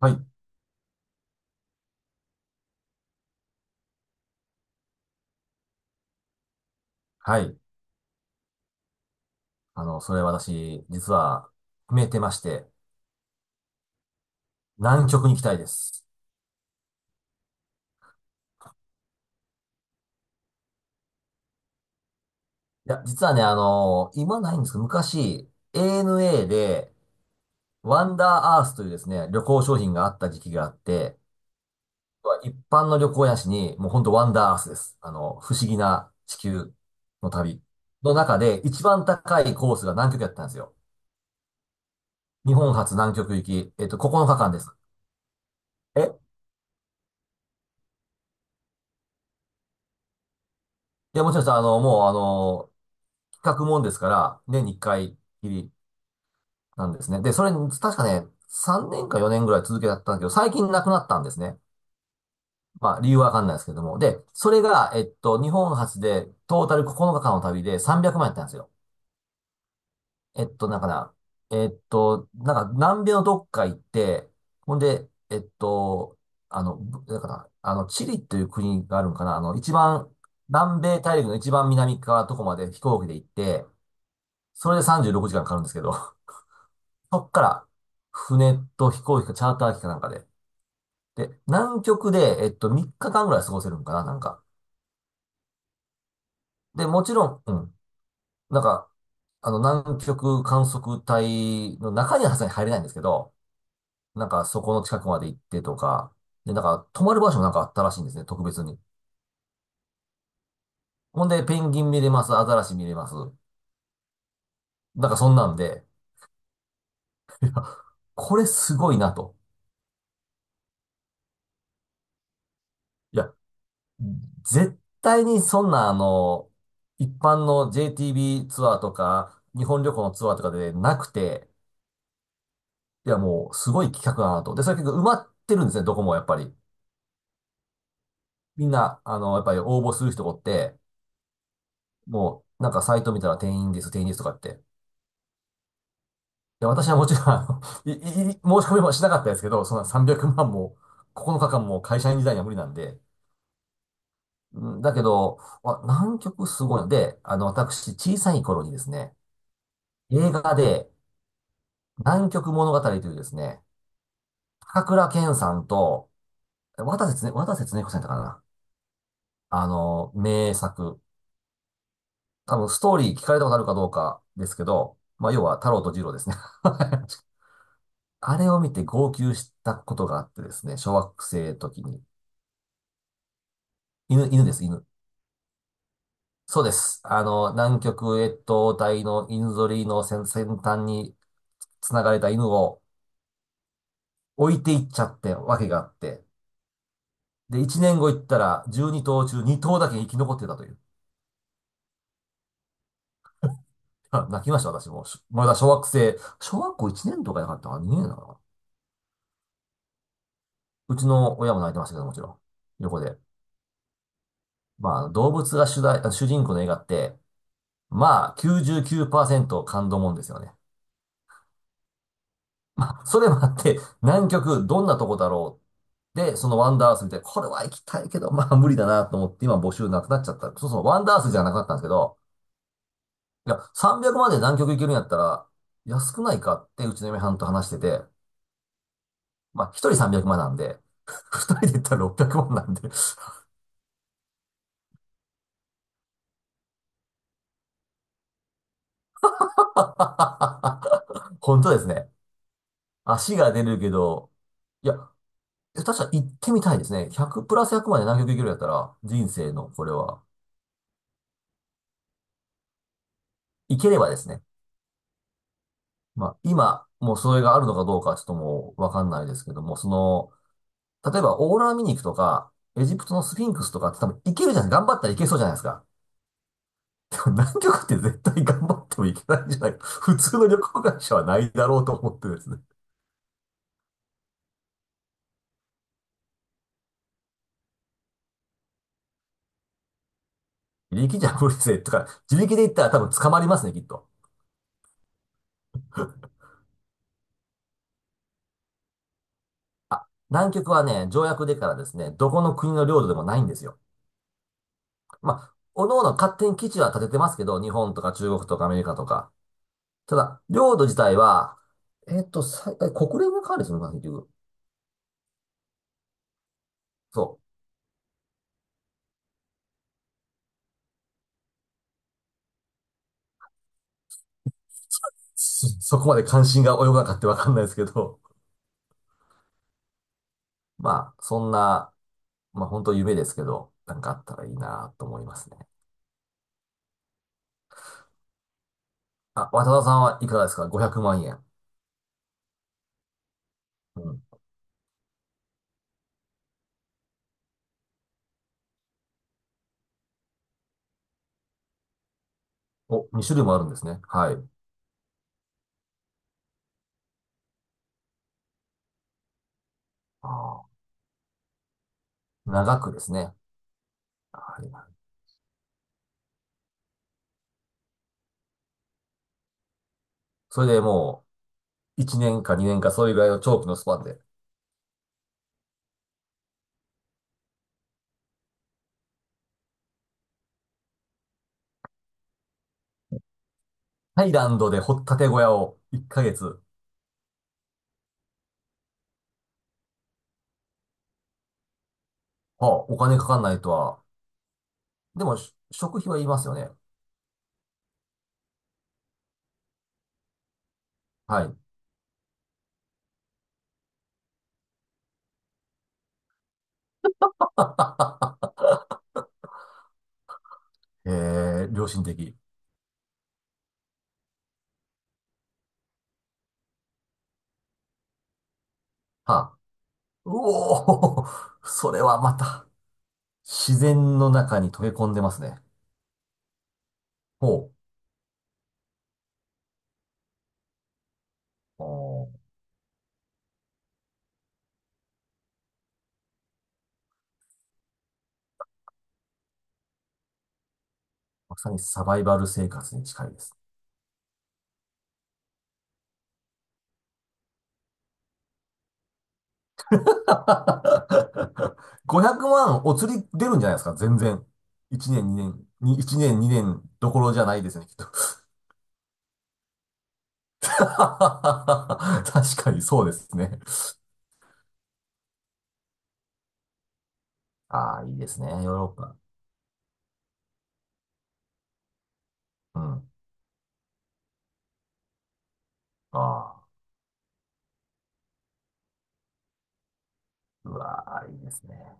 はい。はい。それ私、実は、決めてまして、南極に行きたいです。いや、実はね、今ないんですけど、昔、ANA で、ワンダーアースというですね、旅行商品があった時期があって、一般の旅行やしに、もうほんとワンダーアースです。不思議な地球の旅の中で、一番高いコースが南極やったんですよ。日本初南極行き、9日間です。えいや、もちろんさ、あの、もう、あの、企画もんですから、年に1回きり、なんですね。で、それ、確かね、3年か4年ぐらい続けたんだけど、最近亡くなったんですね。まあ、理由はわかんないですけども。で、それが、日本初で、トータル9日間の旅で300万円やったんですよ。えっと、なんかな、えっと、なんか、南米のどっか行って、ほんで、えっと、あの、ぶなんかな、あの、チリっていう国があるんかな、一番、南米大陸の一番南側のとこまで飛行機で行って、それで36時間かんかかるんですけど、そっから、船と飛行機かチャーター機かなんかで、で、南極で、3日間ぐらい過ごせるんかな、なんか。で、もちろん、うん。なんか、南極観測隊の中にはさすがに入れないんですけど、なんか、そこの近くまで行ってとか、で、なんか、泊まる場所もなんかあったらしいんですね、特別に。ほんで、ペンギン見れます、アザラシ見れます。なんか、そんなんで、これすごいなと。いや、絶対にそんな、一般の JTB ツアーとか、日本旅行のツアーとかでなくて、いや、もう、すごい企画だなと。で、それ結構埋まってるんですね、どこもやっぱり。みんな、やっぱり応募する人がおって、もう、なんかサイト見たら定員です、定員ですとかって。いや、私はもちろん、あの、い、い、い申し込みもしなかったですけど、そんな300万も、9日間も会社員時代には無理なんで。うんだけど、あ、南極すごいので、私、小さい頃にですね、映画で、南極物語というですね、高倉健さんと、渡瀬恒子さんだったかな。名作。多分ストーリー聞かれたことあるかどうかですけど、まあ要は太郎と二郎ですね。あれを見て号泣したことがあってですね、小学生の時に。犬。そうです。南極越冬隊の犬ぞりの先端に繋がれた犬を置いていっちゃってわけがあって。で、1年後行ったら12頭中2頭だけ生き残ってたという。あ泣きました、私も。しまだ小学生、小学校1年とかじゃなかったかな、年だかな、うちの親も泣いてましたけど、もちろん。横で。まあ、動物が主題、あ主人公の映画って、まあ、99%感動もんですよね。まあ、それもあって、南極どんなとこだろう。で、そのワンダース見て、これは行きたいけど、まあ無理だなと思って、今募集なくなっちゃった。そうそう、ワンダースじゃなくなったんですけど、いや、300まで南極行けるんやったら、安くないかってうちの嫁はんと話してて、まあ、一人300万なんで、二人で行ったら600万なんで 本当ですね。足が出るけど、いや、え確か行ってみたいですね。100プラス100まで南極行けるんやったら、人生のこれは、行ければですね。まあ、今、もうそれがあるのかどうかちょっともうわかんないですけども、その、例えばオーロラ見に行くとか、エジプトのスフィンクスとかって多分行けるじゃない頑張ったら行けそうじゃないですか。でも南極って絶対頑張っても行けないんじゃないか普通の旅行会社はないだろうと思ってですね。自力じゃ無理ぜとか、自力で行ったら多分捕まりますね、きっと。南極はね、条約でからですね、どこの国の領土でもないんですよ。まあ、おのおの勝手に基地は建ててますけど、日本とか中国とかアメリカとか。ただ、領土自体は、最大国連が管理するのかな、結局。そう。そそこまで関心が及ばなかったわかんないですけど。まあ、そんな、まあ本当夢ですけど、なんかあったらいいなと思いますね。あ、渡田さんはいかがですか？ 500 万円。うん。お、2種類もあるんですね。はい。あー長くですね。はい。それでもう、1年か2年かそういうぐらいの長期のスパンで。タイランドで掘ったて小屋を1ヶ月。はあ、お金かかんないとは。でも、し食費はいりますよね。はい。えー、良心的。はあ。うおー、それはまた、自然の中に溶け込んでますね。ほう。おー、まさにサバイバル生活に近いです。500万お釣り出るんじゃないですか、全然。1年、2年どころじゃないですね、きっと。確かにそうですね。ああ、いいですね。ヨーロッパ。うん。ああ、うわあ、いいですね。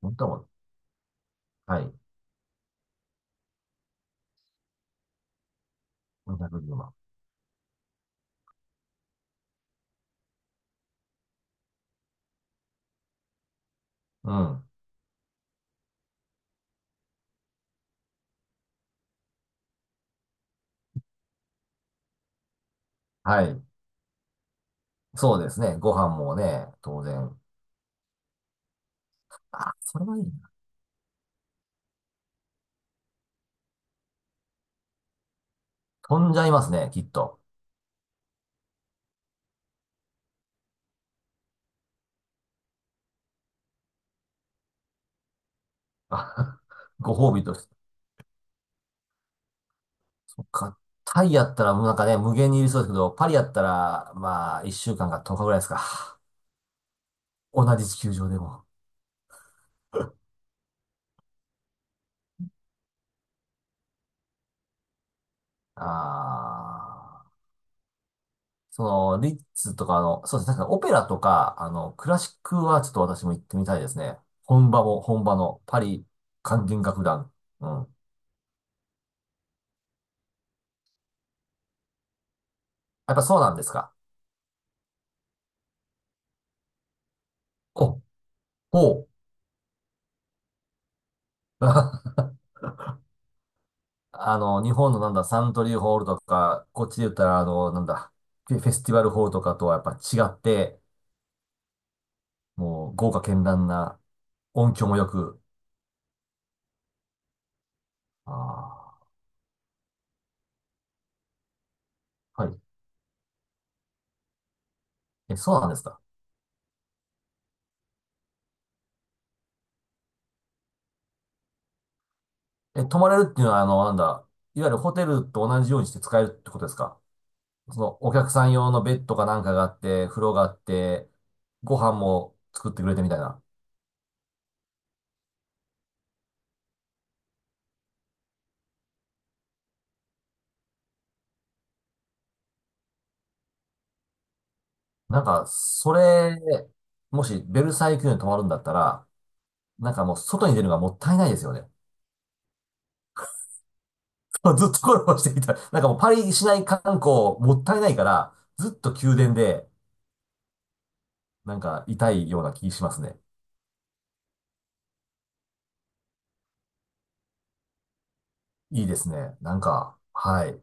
本当も、はい。510万。うん。はい。そうですね。ご飯もね、当然。ああ、それはいいな。飛んじゃいますね、きっと。あ ご褒美として。そっか。タイやったら、もうなんかね、無限にいるそうですけど、パリやったら、まあ、1週間か10日ぐらいですか。同じ地球上でも。ああ。その、リッツとかの、そうですね、確かにオペラとか、クラシックはちょっと私も行ってみたいですね。本場も、本場のパリ管弦楽団。うん。やっぱそうなんですか。お、ほう。日本のなんだ、サントリーホールとか、こっちで言ったら、あの、なんだ、フェフェスティバルホールとかとはやっぱ違って、もう豪華絢爛な音響も良く、ああ、はい。え、そうなんですか。え、泊まれるっていうのは、あの、なんだ、いわゆるホテルと同じようにして使えるってことですか？そのお客さん用のベッドかなんかがあって、風呂があって、ご飯も作ってくれてみたいな。なんか、それ、もしベルサイユ宮殿に泊まるんだったら、なんかもう外に出るのがもったいないですよね。ずっとコラボしていた。なんかもうパリ市内観光もったいないから、ずっと宮殿で、なんかいたいような気しますね。いいですね。なんか、はい。